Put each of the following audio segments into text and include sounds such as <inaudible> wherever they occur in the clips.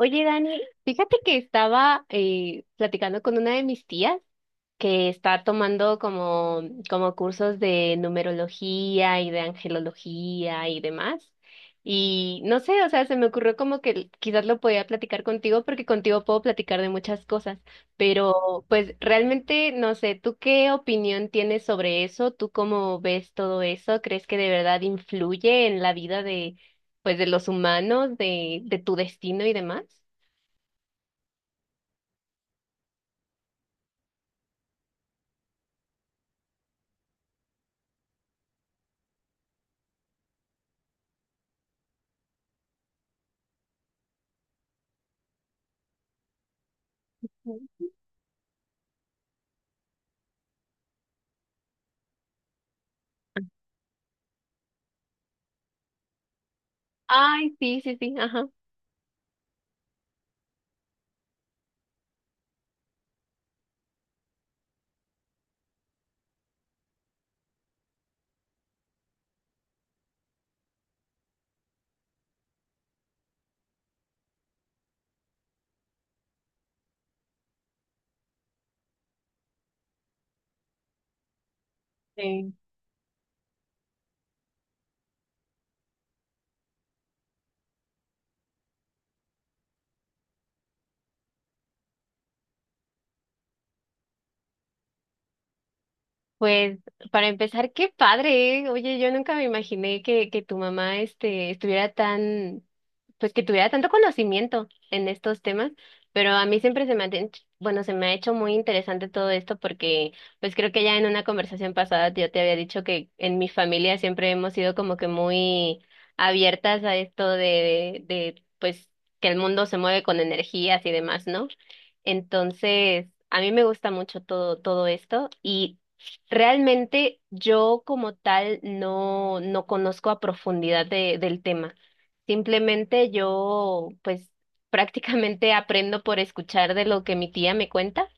Oye, Dani, fíjate que estaba platicando con una de mis tías que está tomando como cursos de numerología y de angelología y demás. Y no sé, o sea, se me ocurrió como que quizás lo podía platicar contigo porque contigo puedo platicar de muchas cosas, pero pues realmente no sé, ¿tú qué opinión tienes sobre eso? ¿Tú cómo ves todo eso? ¿Crees que de verdad influye en la vida de, pues, de los humanos, de tu destino y demás? Ay, sí, sí, sí, ajá. Sí. Pues para empezar, qué padre, ¿eh? Oye, yo nunca me imaginé que tu mamá este, estuviera tan, pues que tuviera tanto conocimiento en estos temas, pero a mí siempre se me ha, bueno, se me ha hecho muy interesante todo esto porque pues creo que ya en una conversación pasada yo te había dicho que en mi familia siempre hemos sido como que muy abiertas a esto de pues que el mundo se mueve con energías y demás, ¿no? Entonces, a mí me gusta mucho todo esto y realmente yo como tal no conozco a profundidad del tema. Simplemente yo pues prácticamente aprendo por escuchar de lo que mi tía me cuenta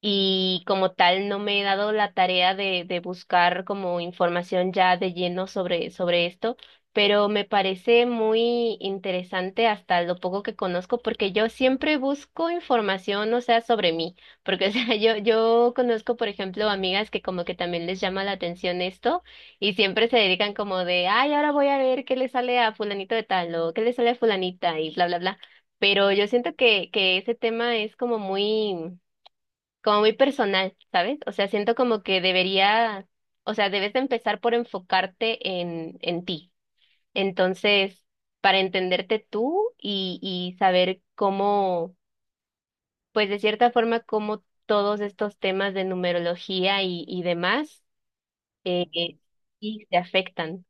y como tal no me he dado la tarea de buscar como información ya de lleno sobre esto, pero me parece muy interesante hasta lo poco que conozco, porque yo siempre busco información, o sea, sobre mí, porque <laughs> o sea, yo conozco, por ejemplo, amigas que como que también les llama la atención esto y siempre se dedican como de, ay, ahora voy a ver qué le sale a fulanito de tal o qué le sale a fulanita y bla, bla, bla. Pero yo siento que ese tema es como muy personal, ¿sabes? O sea, siento como que debería, o sea, debes de empezar por enfocarte en ti. Entonces, para entenderte tú y saber cómo, pues de cierta forma, cómo todos estos temas de numerología y demás, eh, eh, sí te afectan.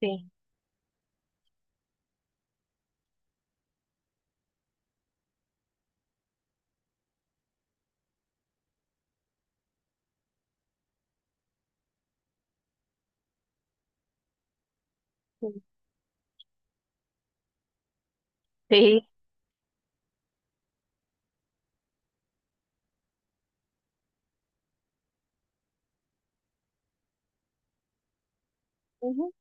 Sí. Sí. Ujú.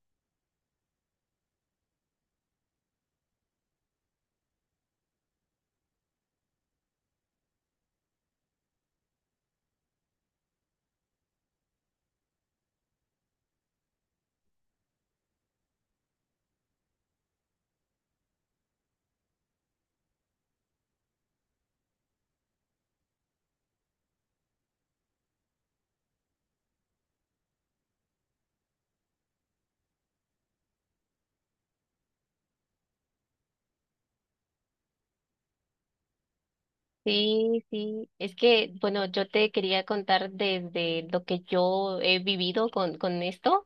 Sí, sí. Es que, bueno, yo te quería contar desde lo que yo he vivido con esto,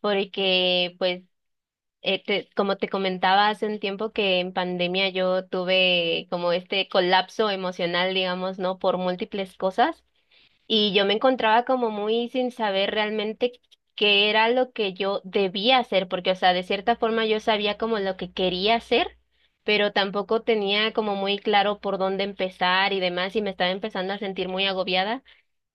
porque pues como te comentaba hace un tiempo que en pandemia yo tuve como este colapso emocional, digamos, ¿no? Por múltiples cosas y yo me encontraba como muy sin saber realmente qué era lo que yo debía hacer, porque, o sea, de cierta forma yo sabía como lo que quería hacer, pero tampoco tenía como muy claro por dónde empezar y demás y me estaba empezando a sentir muy agobiada.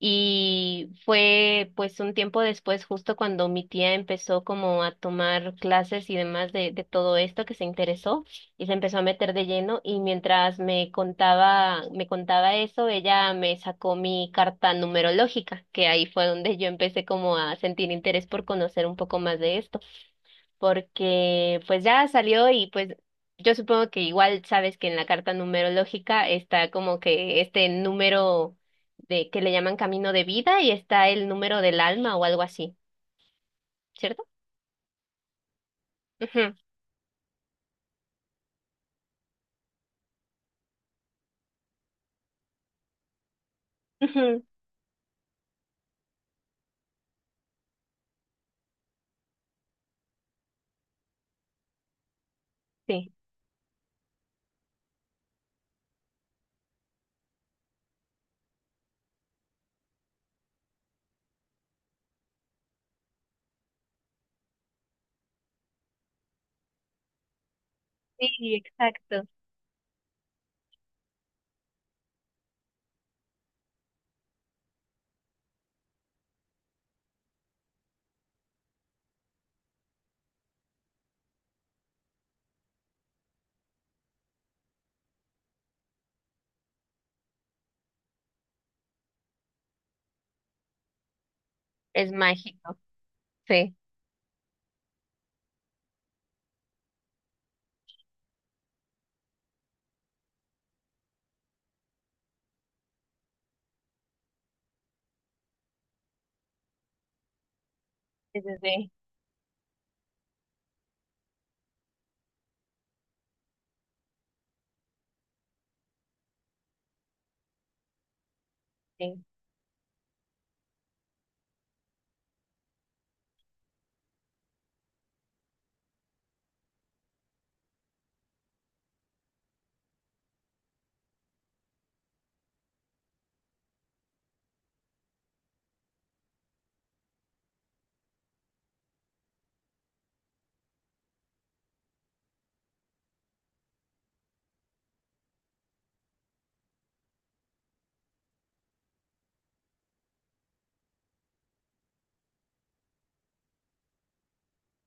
Y fue pues un tiempo después, justo cuando mi tía empezó como a tomar clases y demás de todo esto que se interesó y se empezó a meter de lleno y mientras me contaba eso, ella me sacó mi carta numerológica, que ahí fue donde yo empecé como a sentir interés por conocer un poco más de esto porque pues ya salió y pues yo supongo que igual sabes que en la carta numerológica está como que este número de que le llaman camino de vida y está el número del alma o algo así, ¿cierto? Ujú, ujú. Sí, sí, exacto. Es mágico, sí, sí, sí, sí.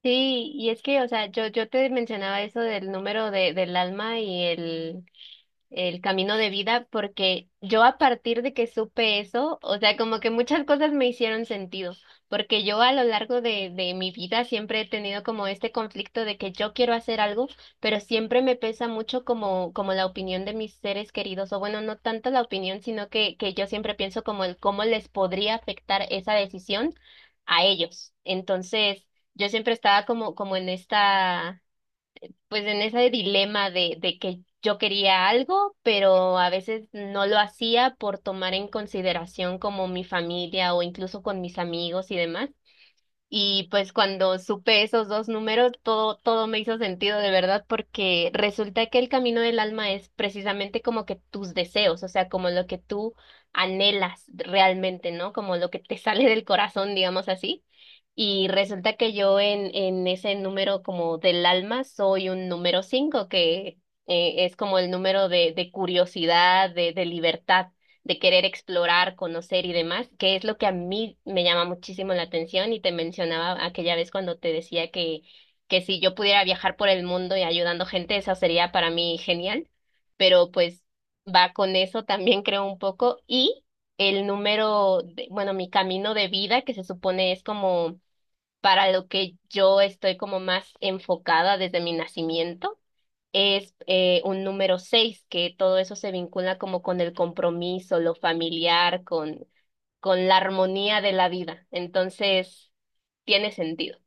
Sí, y es que, o sea, yo te mencionaba eso del número de, del alma y el camino de vida, porque yo a partir de que supe eso, o sea, como que muchas cosas me hicieron sentido, porque yo a lo largo de mi vida siempre he tenido como este conflicto de que yo quiero hacer algo, pero siempre me pesa mucho como, como la opinión de mis seres queridos, o bueno, no tanto la opinión, sino que yo siempre pienso como el cómo les podría afectar esa decisión a ellos. Entonces, yo siempre estaba como, como en esta, pues en ese dilema de que yo quería algo, pero a veces no lo hacía por tomar en consideración como mi familia o incluso con mis amigos y demás. Y pues cuando supe esos dos números, todo me hizo sentido de verdad, porque resulta que el camino del alma es precisamente como que tus deseos, o sea, como lo que tú anhelas realmente, ¿no? Como lo que te <laughs> sale del corazón, digamos así. Y resulta que yo en ese número como del alma soy un número cinco, que es como el número de curiosidad, de libertad de querer explorar, conocer y demás, que es lo que a mí me llama muchísimo la atención y te mencionaba aquella vez cuando te decía que si yo pudiera viajar por el mundo y ayudando gente, eso sería para mí genial, pero pues va con eso también <laughs> creo un poco y el número, bueno, mi camino de vida que se supone es como para lo que yo estoy como más enfocada desde mi nacimiento es un número seis, que todo eso se vincula como con el compromiso, lo familiar, con la armonía de la vida. Entonces, tiene sentido.